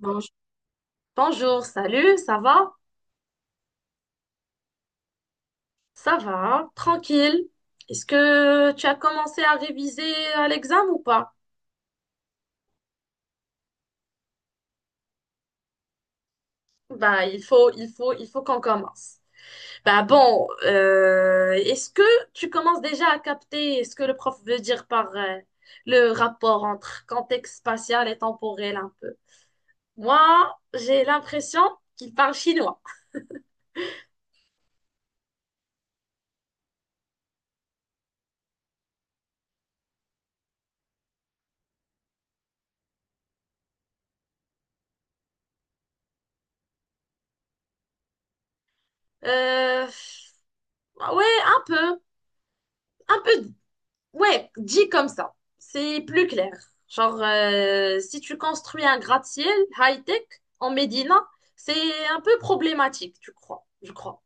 Bonj- Bonjour, salut, ça va? Ça va, hein. Tranquille. Est-ce que tu as commencé à réviser à l'examen ou pas? Bah, il faut qu'on commence. Bah bon, est-ce que tu commences déjà à capter ce que le prof veut dire par le rapport entre contexte spatial et temporel un peu? Moi, j'ai l'impression qu'il parle chinois. Euh, ouais, un peu, un peu. Ouais, dit comme ça, c'est plus clair. Genre, si tu construis un gratte-ciel high-tech en Médina, c'est un peu problématique, tu crois, je crois.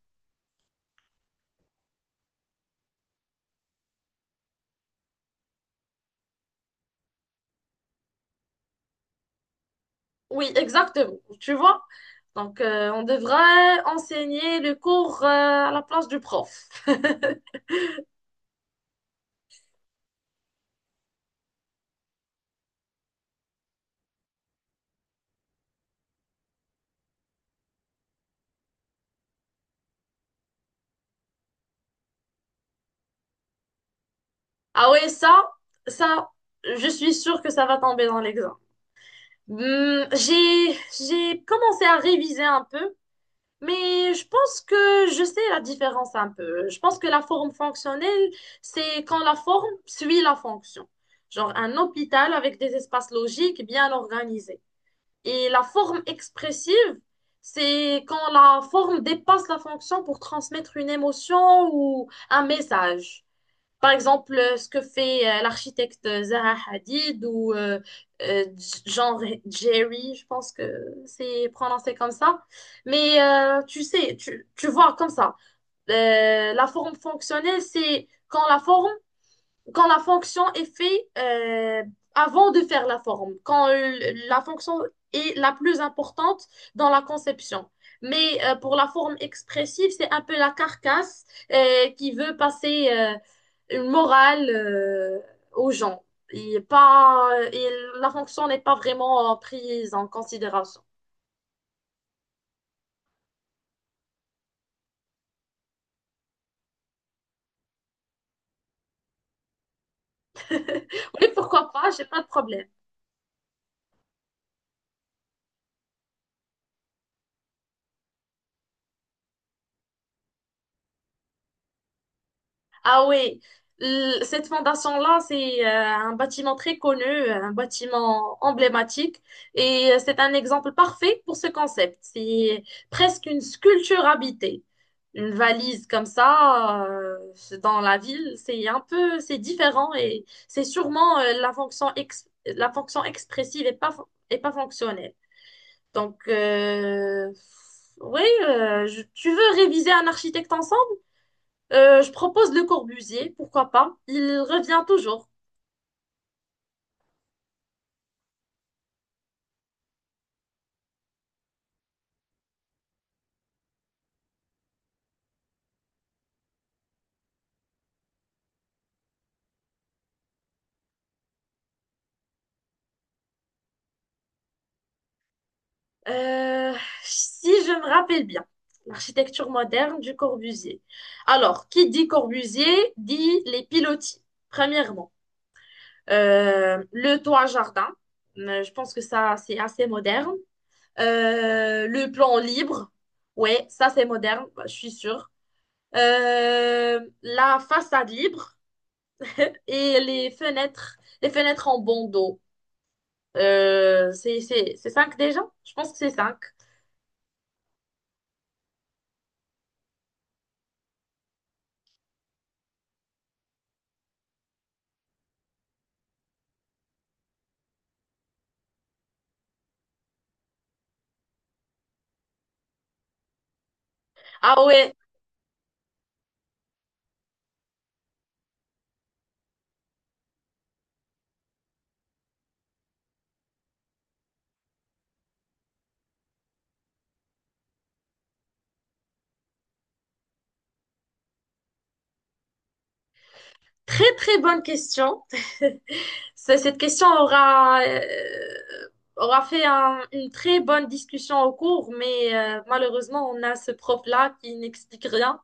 Oui, exactement, tu vois. Donc, on devrait enseigner le cours, à la place du prof. Ah ouais, ça, je suis sûre que ça va tomber dans l'examen. Hmm, j'ai commencé à réviser un peu. Mais je pense que je sais la différence un peu. Je pense que la forme fonctionnelle, c'est quand la forme suit la fonction. Genre un hôpital avec des espaces logiques bien organisés. Et la forme expressive, c'est quand la forme dépasse la fonction pour transmettre une émotion ou un message. Par exemple, ce que fait l'architecte Zaha Hadid ou euh, Jerry, je pense que c'est prononcé comme ça. Mais tu sais, tu vois comme ça. La forme fonctionnelle, c'est quand la forme quand la fonction est faite avant de faire la forme, quand la fonction est la plus importante dans la conception. Mais pour la forme expressive, c'est un peu la carcasse qui veut passer une morale aux gens. Et la fonction n'est pas vraiment prise en considération. Oui, pourquoi pas, j'ai pas de problème. Ah oui, cette fondation-là, c'est un bâtiment très connu, un bâtiment emblématique, et c'est un exemple parfait pour ce concept. C'est presque une sculpture habitée. Une valise comme ça, dans la ville, c'est un peu, c'est différent et c'est sûrement la fonction expressive et pas fonctionnelle. Donc, oui, tu veux réviser un architecte ensemble? Je propose Le Corbusier, pourquoi pas. Il revient toujours. Euh, si je me rappelle bien, l'architecture moderne du Corbusier. Alors, qui dit Corbusier dit les pilotis, premièrement. Le toit jardin, je pense que ça, c'est assez moderne. Le plan libre, ouais, ça c'est moderne, bah, je suis sûre. La façade libre et les fenêtres en bandeau. C'est cinq déjà? Je pense que c'est cinq. Ah ouais, très très bonne question. Cette question aura, aura fait une très bonne discussion au cours, mais malheureusement, on a ce prof-là qui n'explique rien.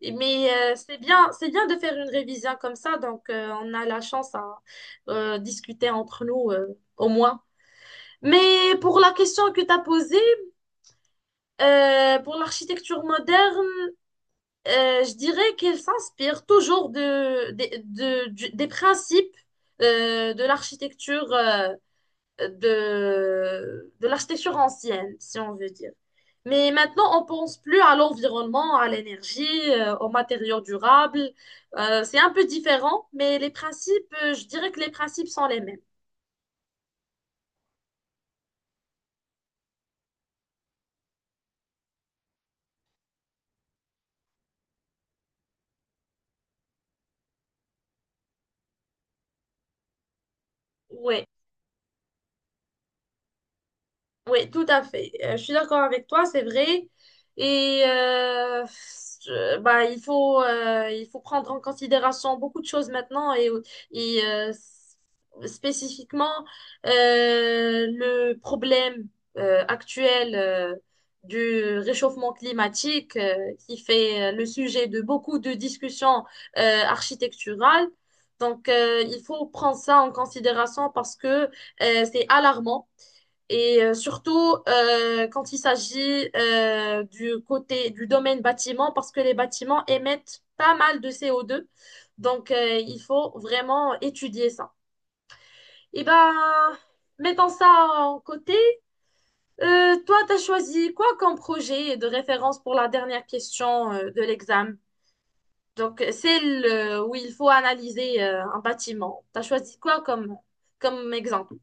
Mais c'est bien de faire une révision comme ça, donc on a la chance à discuter entre nous au moins. Mais pour la question que tu as posée, pour l'architecture moderne, je dirais qu'elle s'inspire toujours de, des- de- du- des principes de l'architecture de l'architecture ancienne, si on veut dire. Mais maintenant, on pense plus à l'environnement, à l'énergie, aux matériaux durables. C'est un peu différent, mais je dirais que les principes sont les mêmes. Oui. Oui, tout à fait. Je suis d'accord avec toi, c'est vrai. Et bah, il faut prendre en considération beaucoup de choses maintenant et, euh, s- spécifiquement euh, le problème actuel du réchauffement climatique qui fait le sujet de beaucoup de discussions architecturales. Donc, il faut prendre ça en considération parce que c'est alarmant. Et surtout quand il s'agit du côté du domaine bâtiment, parce que les bâtiments émettent pas mal de CO2. Donc il faut vraiment étudier ça. Et ben, mettons ça en côté. Toi, tu as choisi quoi comme projet de référence pour la dernière question de l'examen? Donc celle où il faut analyser un bâtiment. Tu as choisi quoi comme exemple?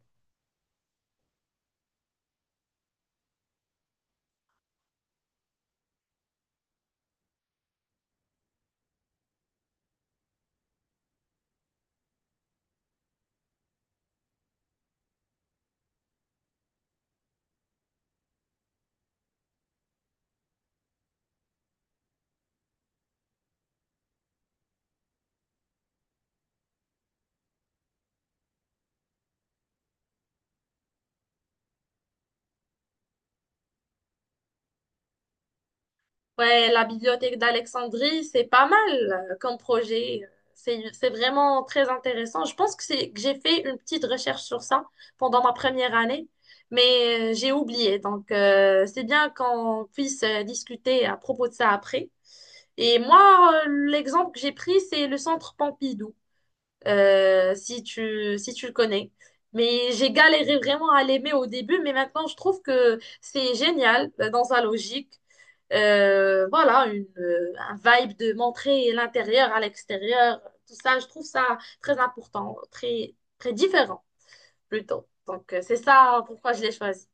Ouais, la bibliothèque d'Alexandrie, c'est pas mal comme projet. C'est vraiment très intéressant. Je pense que c'est que j'ai fait une petite recherche sur ça pendant ma 1re année, mais j'ai oublié. Donc, c'est bien qu'on puisse discuter à propos de ça après. Et moi, l'exemple que j'ai pris, c'est le centre Pompidou, si tu le connais. Mais j'ai galéré vraiment à l'aimer au début, mais maintenant, je trouve que c'est génial dans sa logique. Voilà, un vibe de montrer l'intérieur à l'extérieur, tout ça, je trouve ça très important, très différent plutôt. Donc, c'est ça pourquoi je l'ai choisi.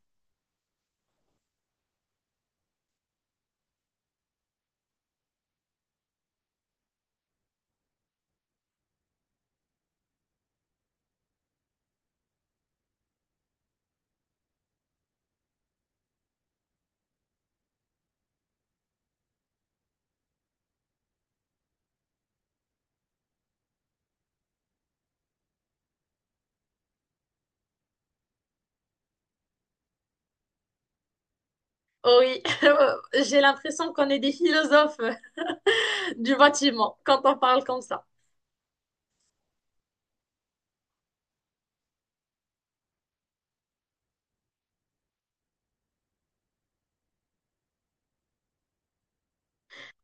Oh oui, j'ai l'impression qu'on est des philosophes du bâtiment quand on parle comme ça.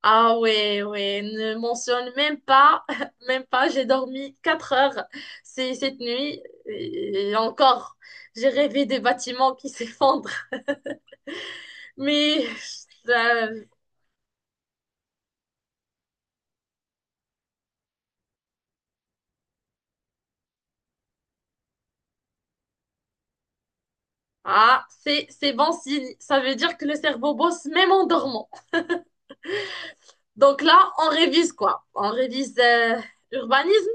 Ah ouais, ouais, ne mentionne même pas, même pas, j'ai dormi 4 heures cette nuit et encore, j'ai rêvé des bâtiments qui s'effondrent. Mais ça, ah, c'est bon signe. Ça veut dire que le cerveau bosse même en dormant. Donc là, on révise quoi? On révise urbanisme?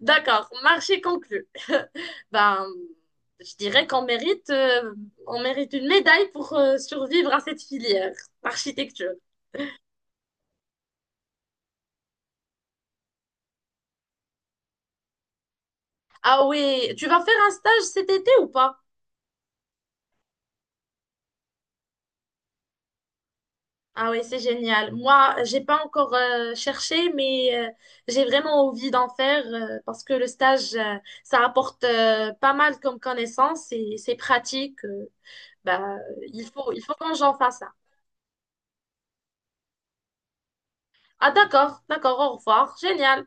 D'accord, marché conclu. Ben, je dirais qu'on mérite, on mérite une médaille pour survivre à cette filière, architecture. Ah oui, tu vas faire un stage cet été ou pas? Ah oui, c'est génial. Moi, j'ai pas encore cherché, mais j'ai vraiment envie d'en faire parce que le stage, ça apporte pas mal comme connaissances et c'est pratique. Bah, il faut que j'en fasse ça. Ah d'accord, d'accord, au revoir. Génial.